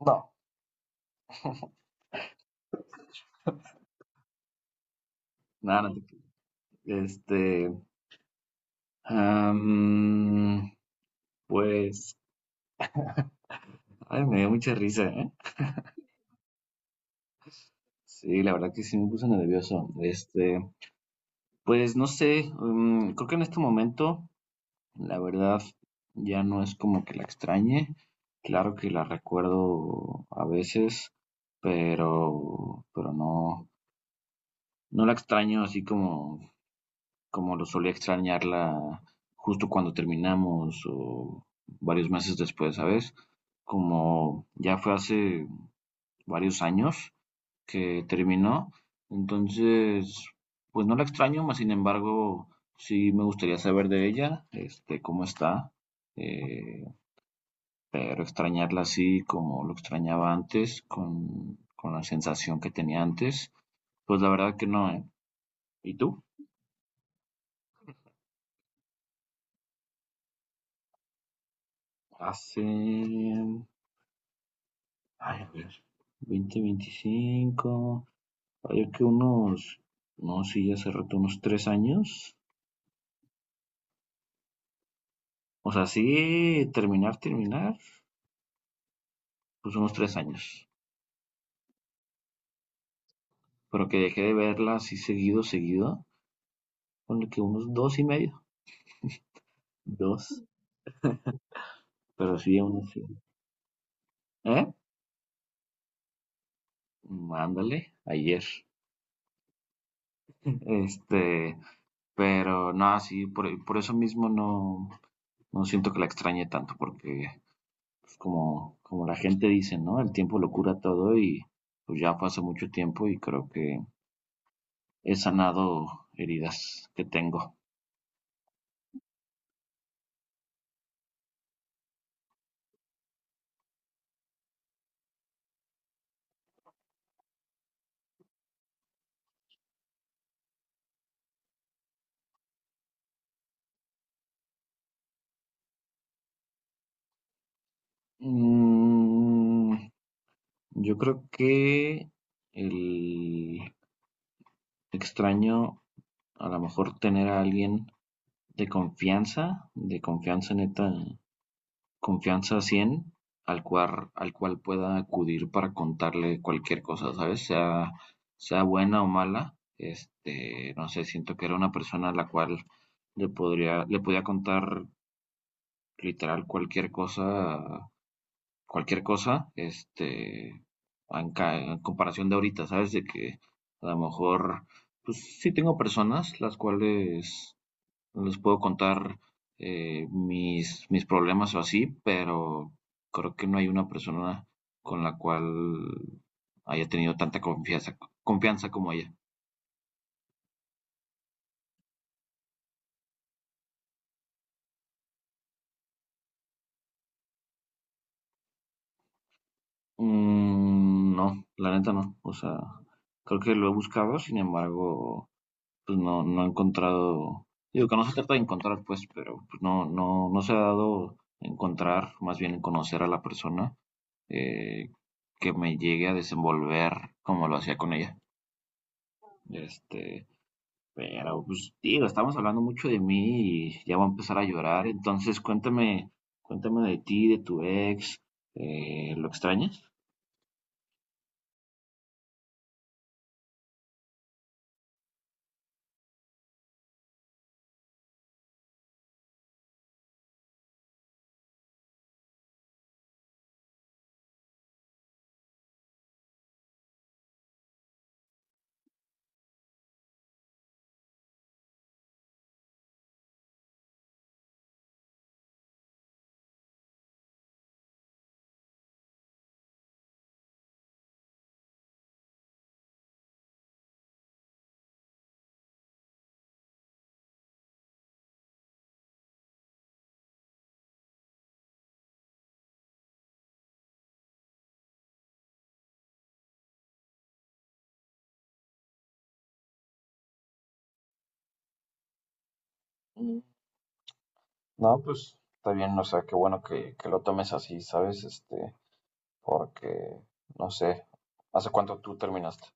No, nada, no te- creo. Este, am, pues, ay, me dio mucha risa, ¿eh? Sí, la verdad que sí me puse nervioso. Pues no sé, creo que en este momento, la verdad, ya no es como que la extrañe. Claro que la recuerdo a veces, pero no, no la extraño así como lo solía extrañarla justo cuando terminamos o varios meses después, ¿sabes? Como ya fue hace varios años que terminó, entonces, pues no la extraño, mas sin embargo, sí me gustaría saber de ella, cómo está, eh, pero extrañarla así como lo extrañaba antes, con la sensación que tenía antes, pues la verdad que no, ¿eh? ¿Y tú? Hace Ay, a ver, 20, 25, hay que unos, no, sí, hace rato unos 3 años. O sea, sí, terminar, terminar, pues unos 3 años. Pero que dejé de verla así seguido, seguido, con que unos dos y medio, dos, pero sí, unos, sí. ¿Eh? Ándale, ayer. Este, pero no, sí, por eso mismo no, no siento que la extrañe tanto, porque pues como la gente dice, ¿no? El tiempo lo cura todo y pues ya fue hace mucho tiempo y creo que he sanado heridas que tengo. Mm, yo creo que el extraño a lo mejor tener a alguien de confianza neta confianza 100 al cual pueda acudir para contarle cualquier cosa, ¿sabes? Sea, sea buena o mala, no sé, siento que era una persona a la cual le podría, le podía contar literal cualquier cosa, en comparación de ahorita, ¿sabes? De que a lo mejor, pues sí tengo personas las cuales les puedo contar mis problemas o así, pero creo que no hay una persona con la cual haya tenido tanta confianza, confianza como ella. Mm, no, la neta no. O sea, creo que lo he buscado, sin embargo, pues no, no he encontrado. Digo que no se trata de encontrar, pues, pero pues, no, no, no se ha dado encontrar, más bien conocer a la persona eh, que me llegue a desenvolver como lo hacía con ella. Este, Pero, pues, digo, estamos hablando mucho de mí y ya voy a empezar a llorar. Entonces, cuéntame, cuéntame de ti, de tu ex. ¿Lo extrañas? Mm, No, pues está bien, o sea, qué bueno que, lo tomes así, ¿sabes? Porque, no sé, ¿hace cuánto tú terminaste?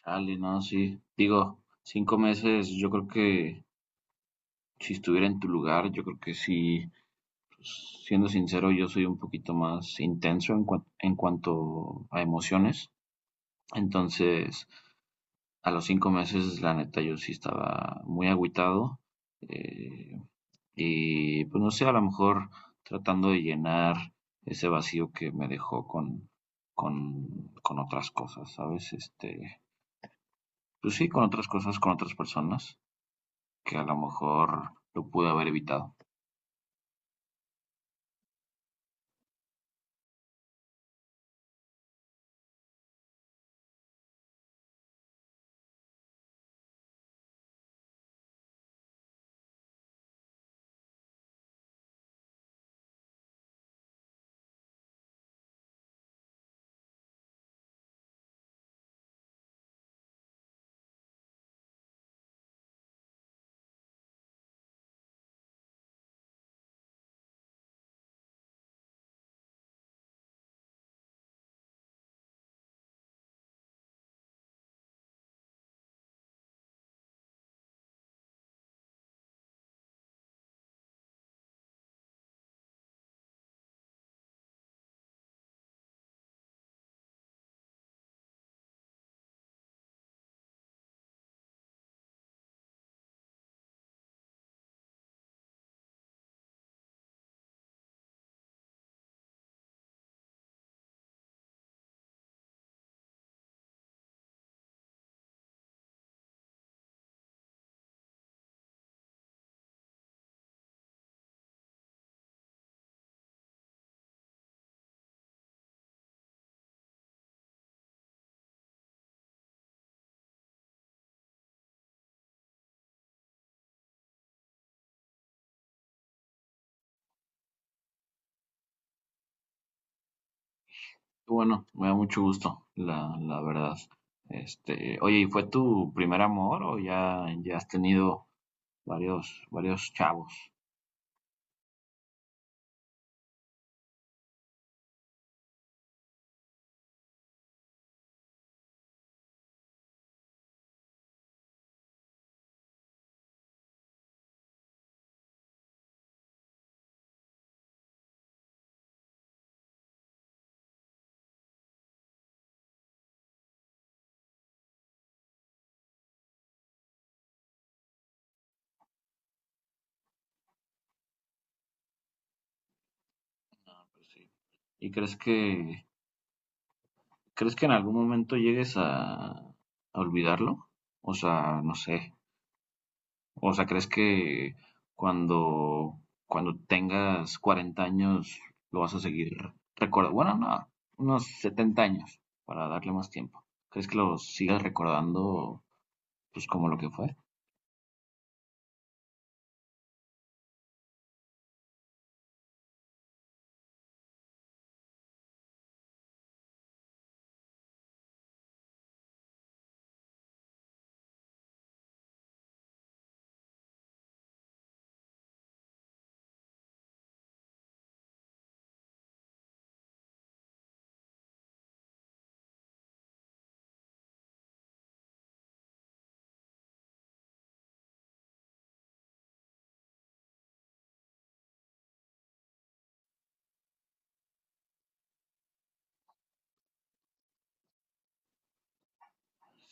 Chale, no, sí. Digo, 5 meses, yo creo que si estuviera en tu lugar, yo creo que sí. Pues, siendo sincero, yo soy un poquito más intenso en cuanto a emociones. Entonces, a los 5 meses, la neta, yo sí estaba muy agüitado. eh, y pues no sé, a lo mejor tratando de llenar ese vacío que me dejó con otras cosas, ¿sabes? Pues sí, con otras cosas, con otras personas, que a lo mejor lo pude haber evitado. Bueno, me da mucho gusto, la verdad. Oye, ¿y fue tu primer amor o ya, ya has tenido varios, varios chavos? Pues sí. ¿Y crees que en algún momento llegues a olvidarlo? O sea, no sé. O sea, ¿crees que cuando cuando tengas 40 años lo vas a seguir recordando? Bueno, no, unos 70 años para darle más tiempo. ¿Crees que lo sigas recordando pues como lo que fue?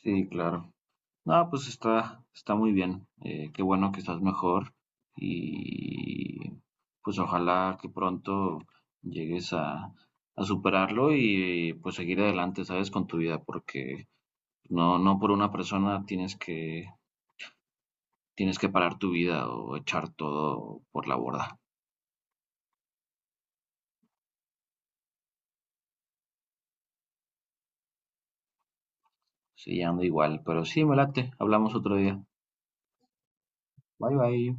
Sí, claro. No, pues está muy bien. Qué bueno que estás mejor y pues ojalá que pronto llegues a superarlo y pues seguir adelante, ¿sabes? Con tu vida, porque no, no por una persona tienes que parar tu vida o echar todo por la borda. Sí, ando igual, pero sí, me late. Hablamos otro día. Bye, bye.